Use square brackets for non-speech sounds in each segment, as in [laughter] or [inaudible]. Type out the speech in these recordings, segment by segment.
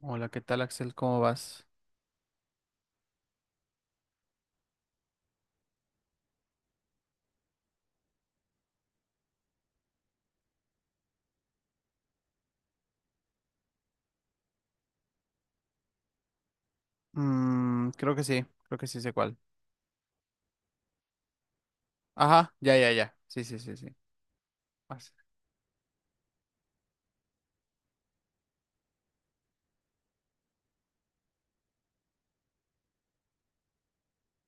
Hola, ¿qué tal, Axel? ¿Cómo vas? Mm, creo que sí sé cuál. Ajá, ya, ya, ya. Sí, sí, sí, sí. Vas.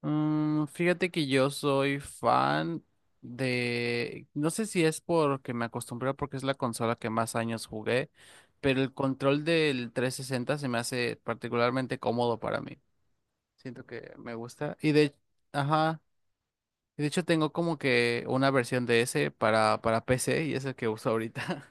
Mm, fíjate que yo soy fan de... No sé si es porque me acostumbré o porque es la consola que más años jugué, pero el control del 360 se me hace particularmente cómodo para mí. Siento que me gusta. Ajá. De hecho, tengo como que una versión de ese para PC y es el que uso ahorita.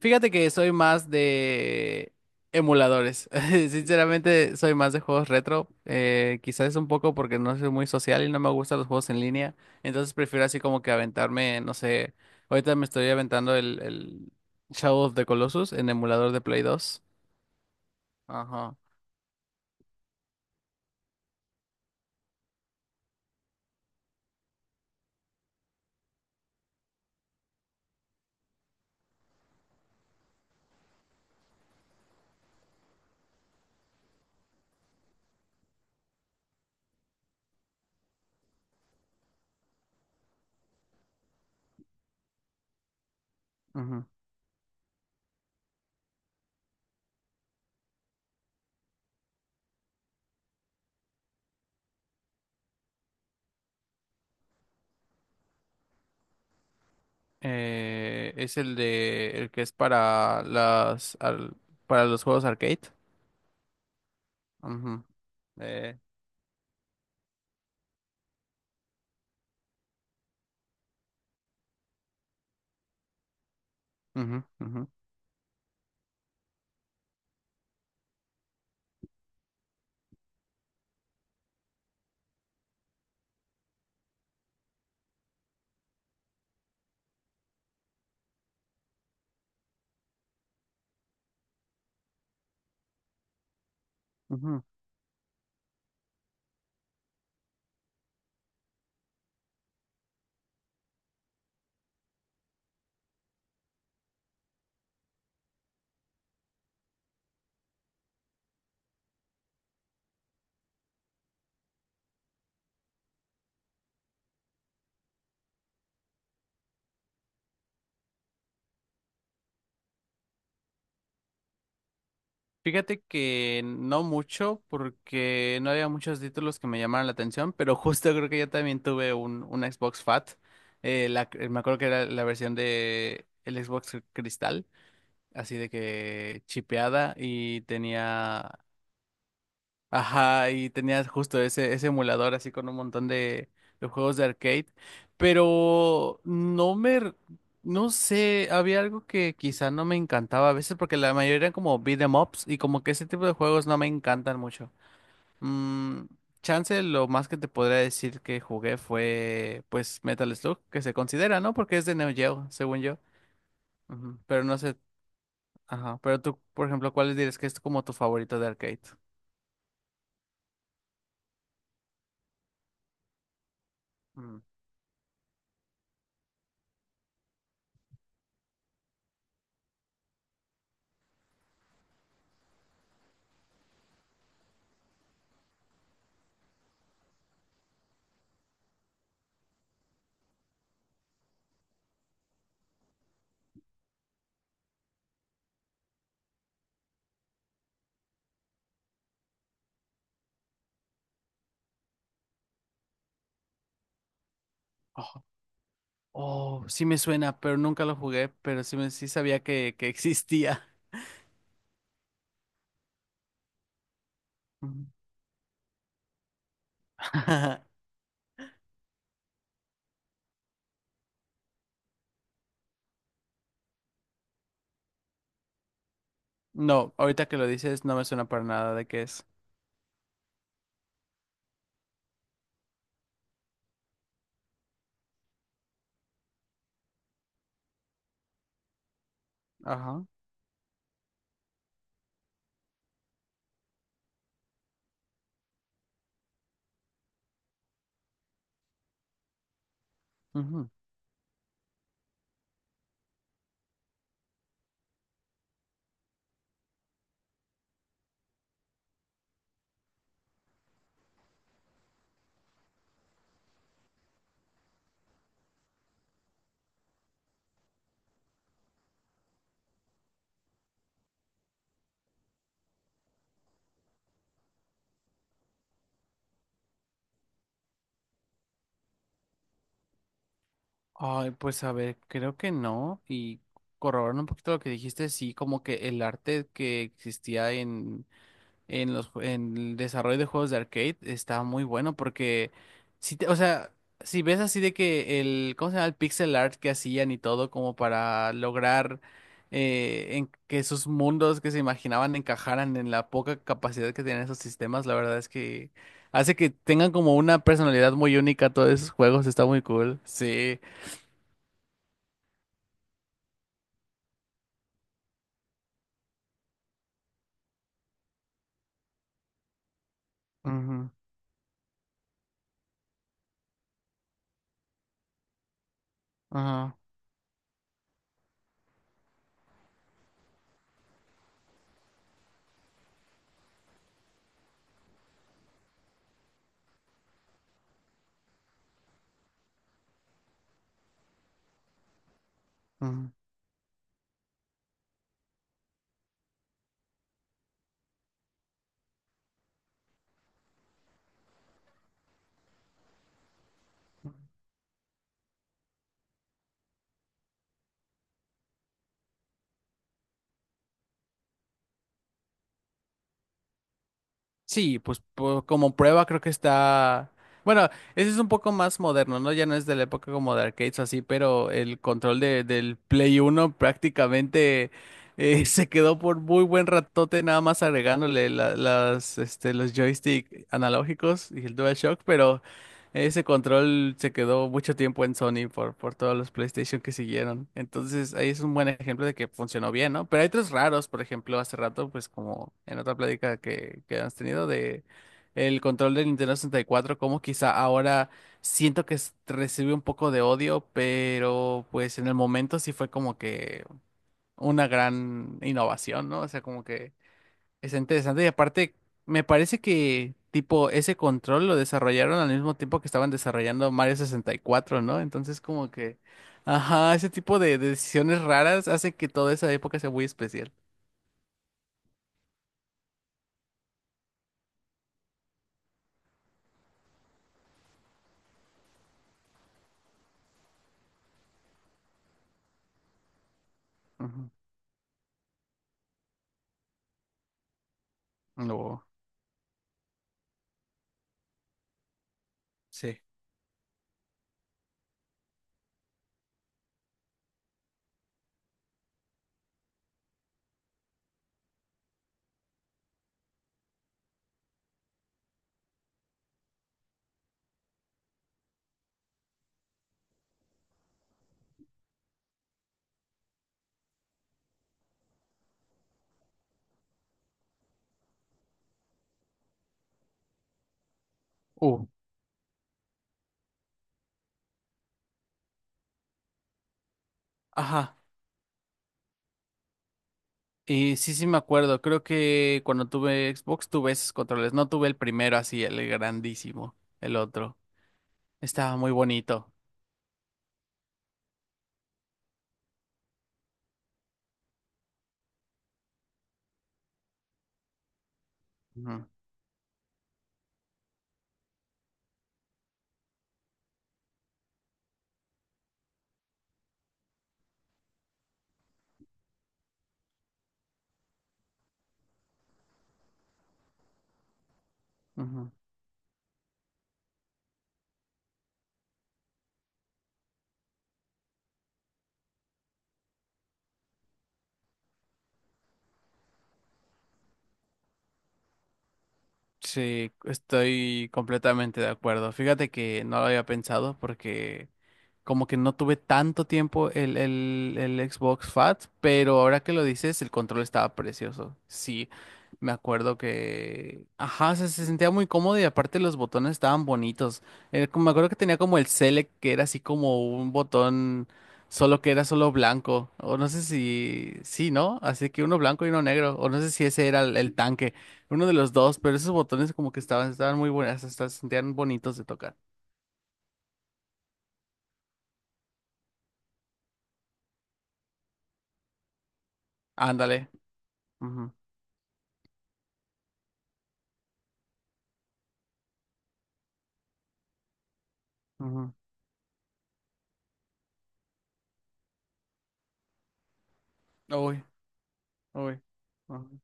Fíjate que soy más de emuladores. [laughs] Sinceramente, soy más de juegos retro. Quizás es un poco porque no soy muy social y no me gustan los juegos en línea. Entonces prefiero así como que aventarme, no sé. Ahorita me estoy aventando el Shadow of the Colossus en emulador de Play 2. Ajá. Ujú. Es el de el que es para los juegos arcade. Ujú, eh, ujú, ujú, ujú. Fíjate que no mucho, porque no había muchos títulos que me llamaran la atención, pero [laughs] justo creo que yo también tuve un Xbox Fat. Me acuerdo que era la versión de el Xbox Cristal, así de que chipeada y tenía. Ajá, y tenías justo ese emulador así con un montón de juegos de arcade, pero no sé, había algo que quizá no me encantaba a veces porque la mayoría eran como beat 'em ups y como que ese tipo de juegos no me encantan mucho. Mm, Chance lo más que te podría decir que jugué fue pues Metal Slug, que se considera, ¿no? Porque es de Neo Geo, según yo. Ujú. Pero no sé, ajá, pero tú, por ejemplo, ¿cuál dirías que es como tu favorito de arcade? Mm. Oh, sí me suena, pero nunca lo jugué, pero sí, sí sabía que existía. Ujú. [laughs] No, ahorita que lo dices no me suena para nada de qué es. Ajá. Ujú. Ay, pues a ver, creo que no. Y corroborando un poquito lo que dijiste, sí, como que el arte que existía en el desarrollo de juegos de arcade está muy bueno porque o sea, si ves así de que el, ¿cómo se llama? El pixel art que hacían y todo como para lograr, en que esos mundos que se imaginaban encajaran en la poca capacidad que tenían esos sistemas, la verdad es que hace que tengan como una personalidad muy única todos esos juegos. Está muy cool. Sí. Ujú, ajá, ujú. Sí, pues como prueba creo que está... Bueno, ese es un poco más moderno, ¿no? Ya no es de la época como de arcades o así, pero el control de, del Play 1 prácticamente [laughs] se quedó por muy buen ratote, nada más agregándole las, este, los joystick analógicos y el DualShock, pero ese control se quedó mucho tiempo en Sony por todos los PlayStation que siguieron. Entonces, ahí es un buen ejemplo de que funcionó bien, ¿no? Pero hay otros raros. Por ejemplo, hace rato, pues como en otra plática que has tenido, de el control del Nintendo 64, como quizá ahora siento que recibe un poco de odio, pero pues en el momento sí fue como que una gran innovación, ¿no? O sea, como que es interesante. Y aparte me parece que tipo ese control lo desarrollaron al mismo tiempo que estaban desarrollando Mario 64, ¿no? Entonces como que, ajá, ese tipo de decisiones raras hace que toda esa época sea muy especial. Ujú. No. Sí. Uh, ajá. Y sí, sí me acuerdo. Creo que cuando tuve Xbox tuve esos controles. No tuve el primero así, el grandísimo, el otro. Estaba muy bonito. Ujú, ujú. Sí, estoy completamente de acuerdo. Fíjate que no lo había pensado porque como que no tuve tanto tiempo el Xbox Fat, pero ahora que lo dices, el control estaba precioso. Sí, me acuerdo que... Ajá, se sentía muy cómodo y aparte los botones estaban bonitos. Me acuerdo que tenía como el Select, que era así como un botón solo que era solo blanco. O no sé si... Sí, ¿no? Así que uno blanco y uno negro. O no sé si ese era el tanque. Uno de los dos, pero esos botones como que estaban muy buenas, hasta se sentían bonitos de tocar. Ándale. Ujú, ujú. Uy, uy. Ujú.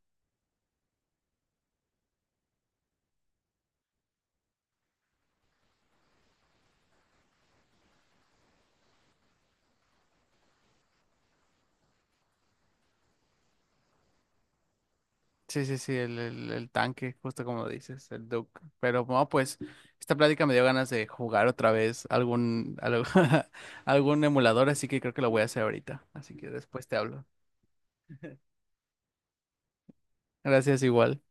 Sí, sí, sí, el tanque, justo como dices, el Duke. Pero bueno, pues esta plática me dio ganas de jugar otra vez [laughs] algún emulador, así que creo que lo voy a hacer ahorita. Así que después te hablo. Gracias igual.